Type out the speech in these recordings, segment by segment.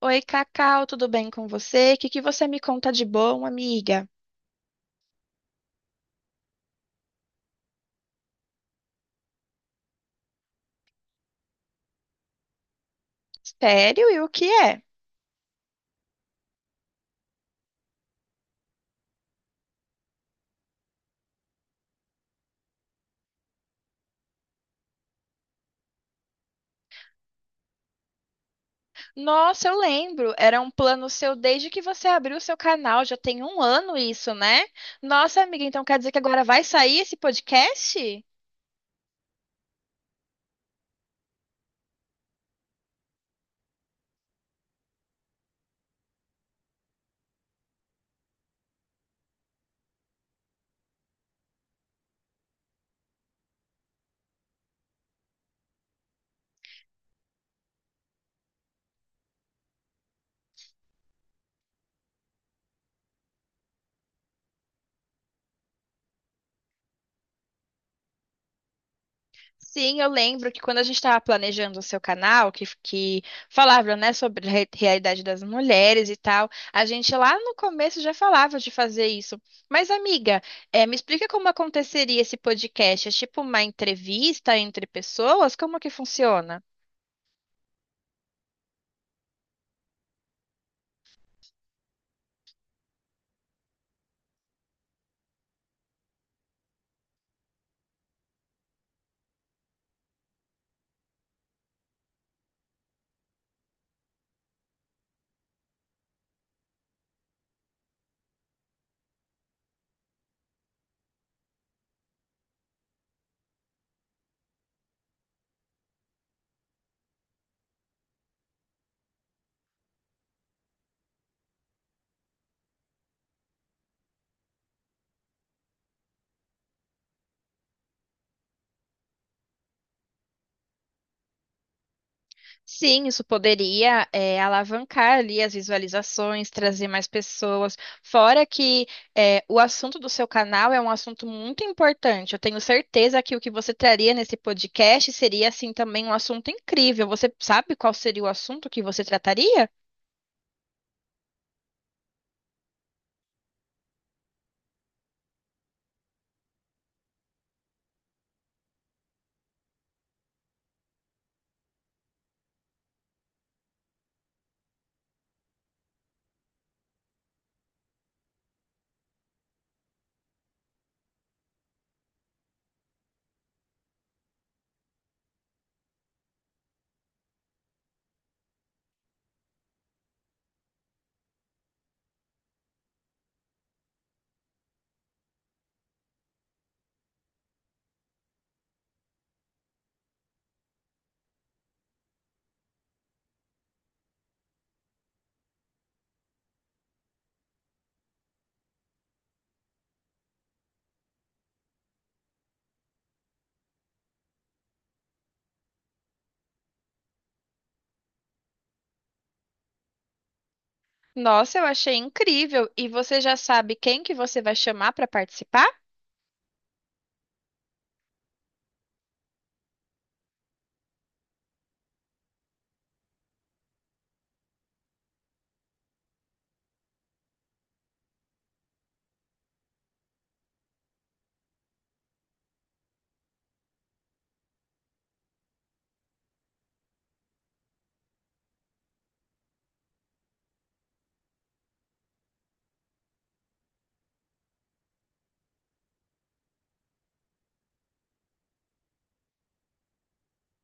Oi, Cacau, tudo bem com você? O que que você me conta de bom, amiga? Sério? E o que é? Nossa, eu lembro, era um plano seu desde que você abriu o seu canal, já tem um ano isso, né? Nossa, amiga, então quer dizer que agora vai sair esse podcast? Sim, eu lembro que quando a gente estava planejando o seu canal, que falava, né, sobre a realidade das mulheres e tal, a gente lá no começo já falava de fazer isso. Mas, amiga, me explica como aconteceria esse podcast? É tipo uma entrevista entre pessoas? Como que funciona? Sim, isso poderia alavancar ali as visualizações, trazer mais pessoas. Fora que o assunto do seu canal é um assunto muito importante. Eu tenho certeza que o que você traria nesse podcast seria, assim, também um assunto incrível. Você sabe qual seria o assunto que você trataria? Nossa, eu achei incrível. E você já sabe quem que você vai chamar para participar?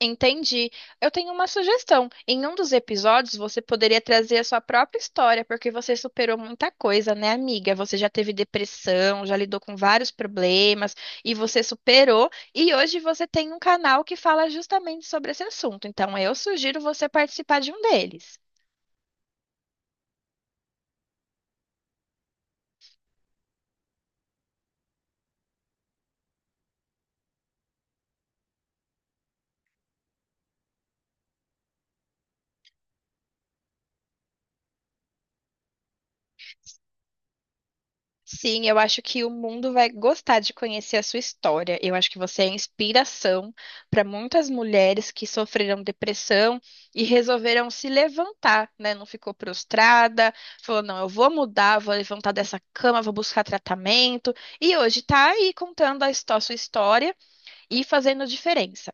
Entendi. Eu tenho uma sugestão. Em um dos episódios, você poderia trazer a sua própria história, porque você superou muita coisa, né, amiga? Você já teve depressão, já lidou com vários problemas e você superou. E hoje você tem um canal que fala justamente sobre esse assunto. Então, eu sugiro você participar de um deles. Sim, eu acho que o mundo vai gostar de conhecer a sua história. Eu acho que você é inspiração para muitas mulheres que sofreram depressão e resolveram se levantar, né? Não ficou prostrada, falou: não, eu vou mudar, vou levantar dessa cama, vou buscar tratamento. E hoje tá aí contando a sua história e fazendo diferença.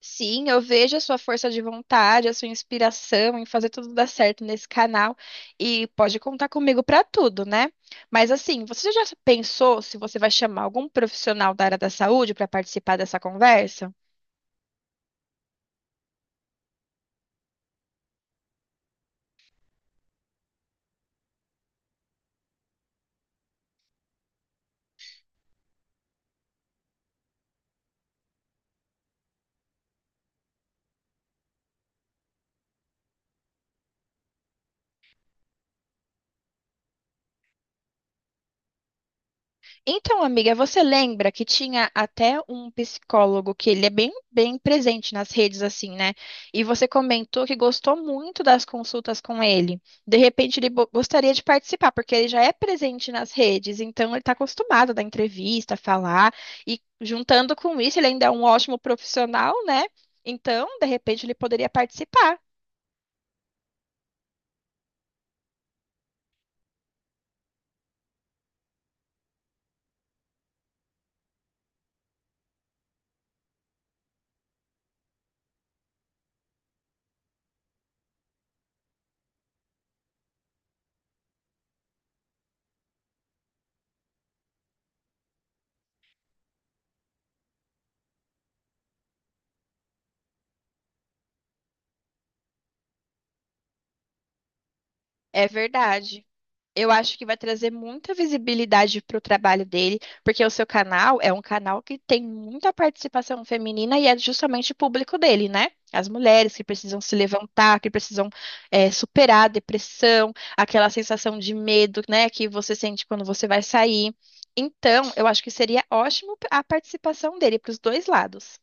Sim, eu vejo a sua força de vontade, a sua inspiração em fazer tudo dar certo nesse canal e pode contar comigo para tudo, né? Mas assim, você já pensou se você vai chamar algum profissional da área da saúde para participar dessa conversa? Então, amiga, você lembra que tinha até um psicólogo que ele é bem presente nas redes, assim, né? E você comentou que gostou muito das consultas com ele. De repente, ele gostaria de participar, porque ele já é presente nas redes, então ele está acostumado a dar entrevista, falar, e juntando com isso, ele ainda é um ótimo profissional, né? Então, de repente, ele poderia participar. É verdade. Eu acho que vai trazer muita visibilidade para o trabalho dele, porque o seu canal é um canal que tem muita participação feminina e é justamente o público dele, né? As mulheres que precisam se levantar, que precisam superar a depressão, aquela sensação de medo, né, que você sente quando você vai sair. Então, eu acho que seria ótimo a participação dele para os dois lados.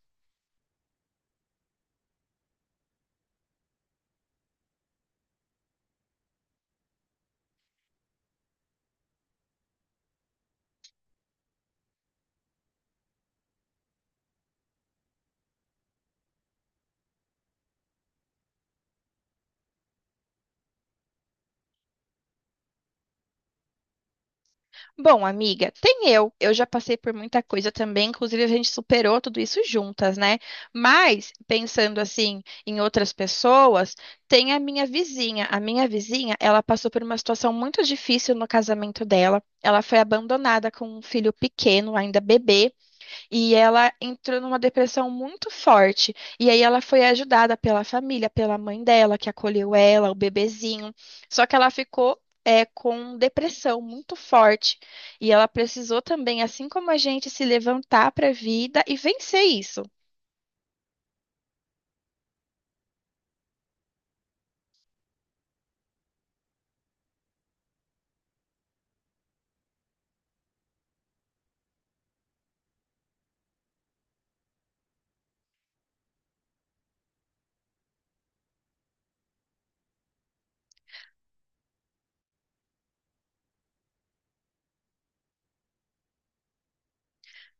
Bom, amiga, tem eu. Eu já passei por muita coisa também, inclusive a gente superou tudo isso juntas, né? Mas, pensando assim em outras pessoas, tem a minha vizinha. A minha vizinha, ela passou por uma situação muito difícil no casamento dela. Ela foi abandonada com um filho pequeno, ainda bebê. E ela entrou numa depressão muito forte. E aí ela foi ajudada pela família, pela mãe dela, que acolheu ela, o bebezinho. Só que ela ficou. É, com depressão muito forte. E ela precisou também, assim como a gente, se levantar para a vida e vencer isso.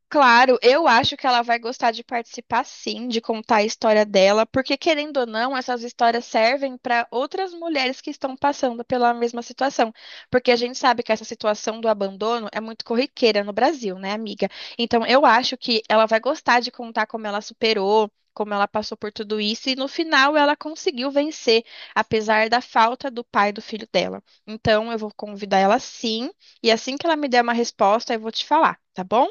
Claro, eu acho que ela vai gostar de participar sim, de contar a história dela, porque querendo ou não, essas histórias servem para outras mulheres que estão passando pela mesma situação. Porque a gente sabe que essa situação do abandono é muito corriqueira no Brasil, né, amiga? Então eu acho que ela vai gostar de contar como ela superou, como ela passou por tudo isso, e no final ela conseguiu vencer, apesar da falta do pai e do filho dela. Então eu vou convidar ela sim, e assim que ela me der uma resposta, eu vou te falar, tá bom?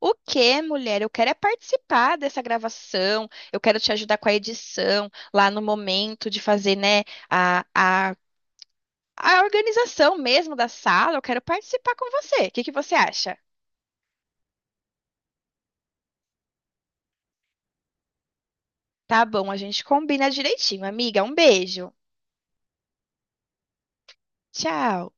O quê, mulher? Eu quero é participar dessa gravação, eu quero te ajudar com a edição, lá no momento de fazer, né, a, a, a organização mesmo da sala, eu quero participar com você. O que que você acha? Tá bom, a gente combina direitinho, amiga. Um beijo. Tchau.